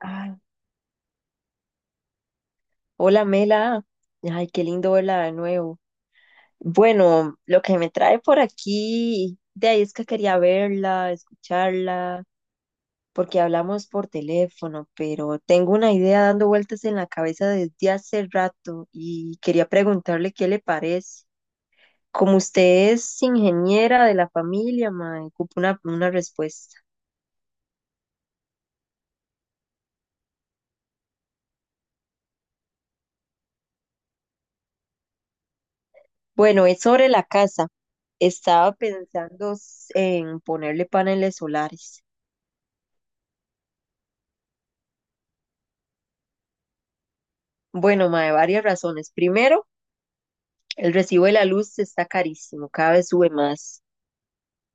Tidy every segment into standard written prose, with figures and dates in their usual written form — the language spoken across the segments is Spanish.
Ay, hola Mela, ay, qué lindo verla de nuevo. Bueno, lo que me trae por aquí, de ahí es que quería verla, escucharla, porque hablamos por teléfono, pero tengo una idea dando vueltas en la cabeza desde hace rato y quería preguntarle qué le parece. Como usted es ingeniera de la familia, me ocupo una respuesta. Bueno, es sobre la casa. Estaba pensando en ponerle paneles solares. Bueno, mae, varias razones. Primero, el recibo de la luz está carísimo, cada vez sube más.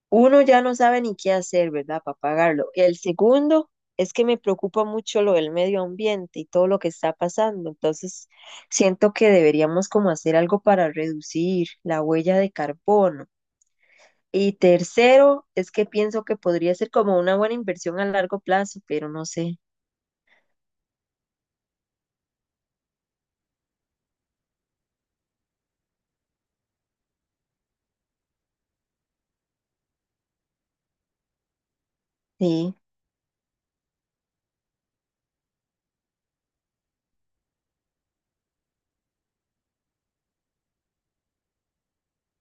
Uno ya no sabe ni qué hacer, ¿verdad? Para pagarlo. El segundo es que me preocupa mucho lo del medio ambiente y todo lo que está pasando. Entonces, siento que deberíamos como hacer algo para reducir la huella de carbono. Y tercero, es que pienso que podría ser como una buena inversión a largo plazo, pero no sé. Sí.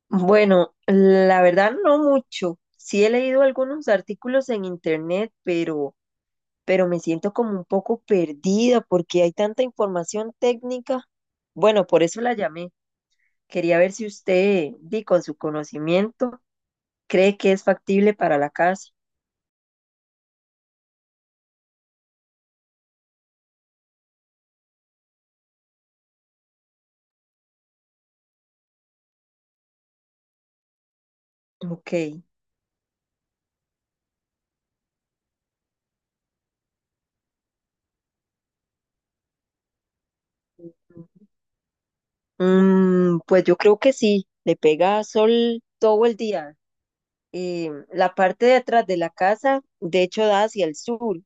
Bueno, la verdad no mucho. Sí he leído algunos artículos en internet, pero me siento como un poco perdida porque hay tanta información técnica. Bueno, por eso la llamé. Quería ver si usted, di con su conocimiento, cree que es factible para la casa. Ok. Mm, pues yo creo que sí, le pega sol todo el día. La parte de atrás de la casa, de hecho, da hacia el sur.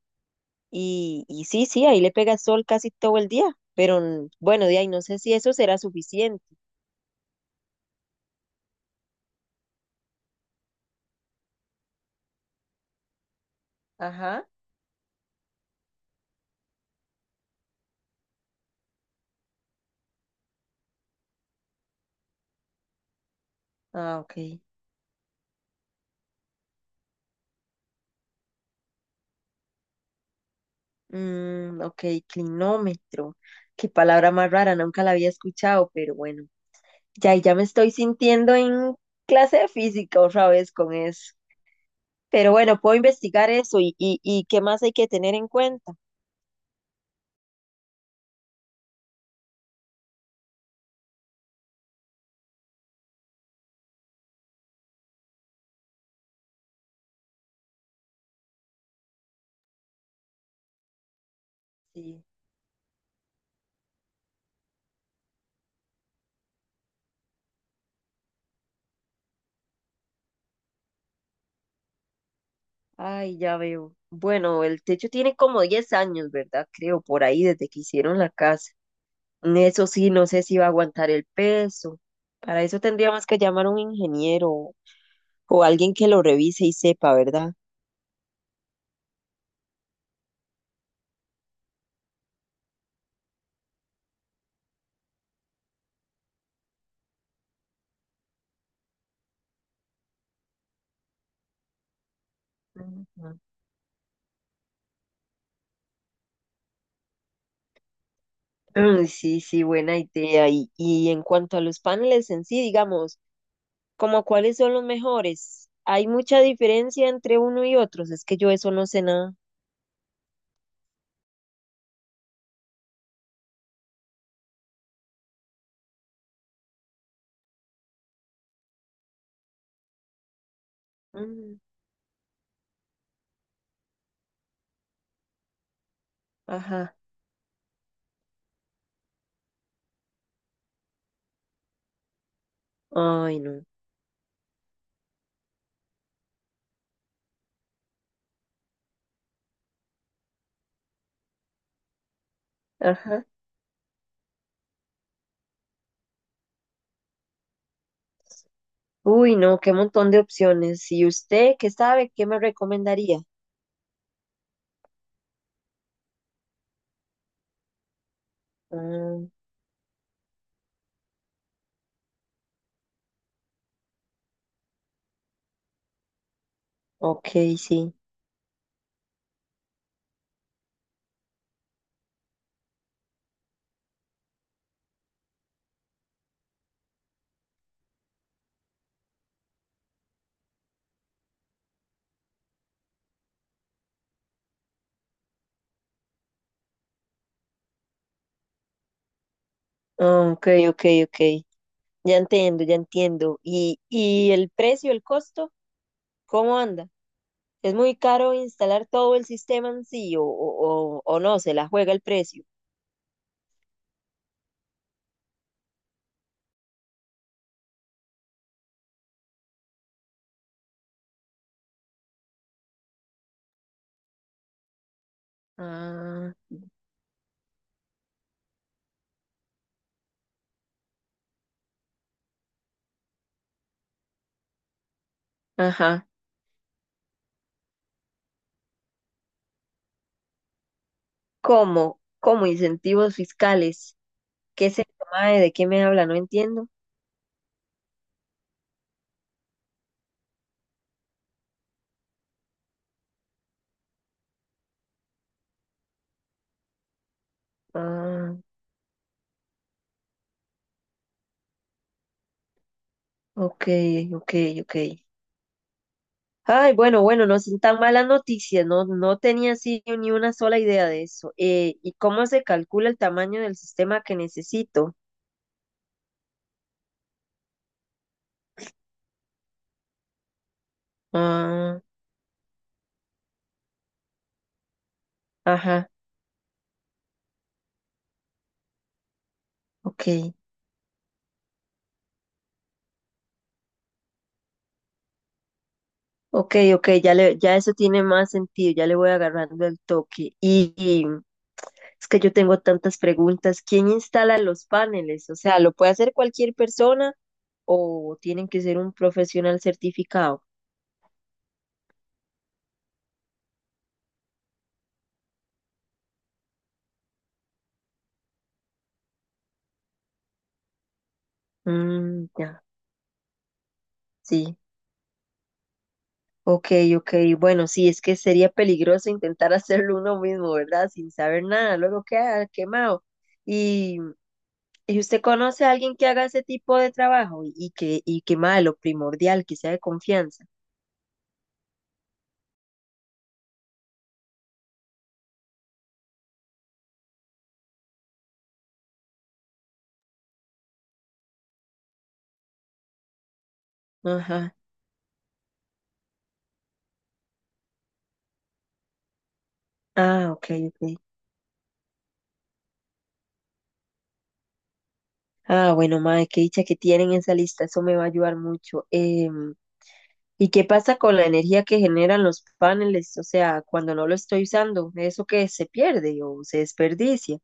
Y sí, sí, ahí le pega sol casi todo el día, pero bueno, de ahí no sé si eso será suficiente. Ajá. Ah, ok. Mm, ok, clinómetro. Qué palabra más rara, nunca la había escuchado, pero bueno, ya, ya me estoy sintiendo en clase de física otra vez con eso. Pero bueno, puedo investigar eso y qué más hay que tener en cuenta. Sí. Ay, ya veo. Bueno, el techo tiene como 10 años, ¿verdad? Creo, por ahí, desde que hicieron la casa. Eso sí, no sé si va a aguantar el peso. Para eso tendríamos que llamar a un ingeniero o alguien que lo revise y sepa, ¿verdad? Ujú. Ay, sí, sí, buena idea. Y en cuanto a los paneles en sí, digamos, como cuáles son los mejores, ¿hay mucha diferencia entre uno y otros? Es que yo eso no sé nada. Mm, ajá. Ay, no. Ajá. Uy, no, qué montón de opciones. ¿Y usted qué sabe? ¿Qué me recomendaría? Ok, sí. Ah, ok, ok, ok. Ya entiendo, ya entiendo. ¿Y el precio, el costo, cómo anda? ¿Es muy caro instalar todo el sistema en sí o no? ¿Se la juega el precio? Ah, ajá. ¿Cómo? ¿Cómo incentivos fiscales? ¿Qué se llama? ¿De qué me habla? No entiendo. Ah, ok, ok, ok. Ay, bueno, bueno, no son tan malas noticias, no, no tenía así ni una sola idea de eso. ¿Y cómo se calcula el tamaño del sistema que necesito? Ah, ajá, ok, ok, ok, ya le, ya eso tiene más sentido, ya le voy agarrando el toque. Y es que yo tengo tantas preguntas. ¿Quién instala los paneles? O sea, ¿lo puede hacer cualquier persona o tienen que ser un profesional certificado? Mm, ya, sí. Ok, ok, bueno, sí, es que sería peligroso intentar hacerlo uno mismo, ¿verdad? Sin saber nada, luego queda quemado. ¿Y, y usted conoce a alguien que haga ese tipo de trabajo y que mae, lo primordial, que sea de confianza? Ajá, ah, ok, ok. Ah, bueno, mae, qué dicha que tienen esa lista, eso me va a ayudar mucho. Em, ¿y qué pasa con la energía que generan los paneles? O sea, cuando no lo estoy usando, ¿eso que se pierde o se desperdicia?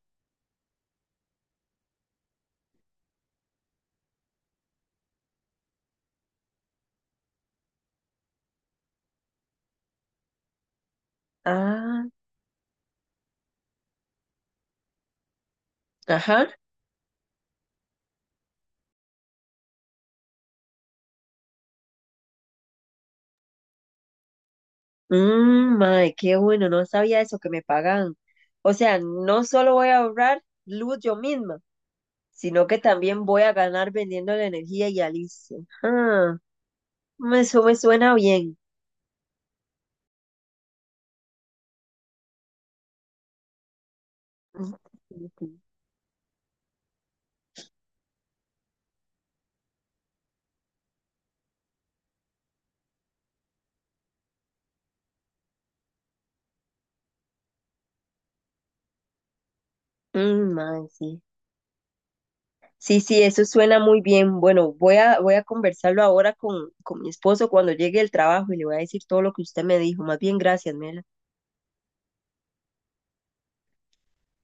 Ah, ajá. Mmm, madre, qué bueno, no sabía eso que me pagan. O sea, no solo voy a ahorrar luz yo misma, sino que también voy a ganar vendiendo la energía y Alicia. Ah, me- eso me suena bien. Mmm, madre, sí. Mm, mae, sí, sí, sí, eso suena muy bien. Bueno, voy a, voy a conversarlo ahora con mi esposo cuando llegue el trabajo y le voy a decir todo lo que usted me dijo. Más bien, gracias, Mela.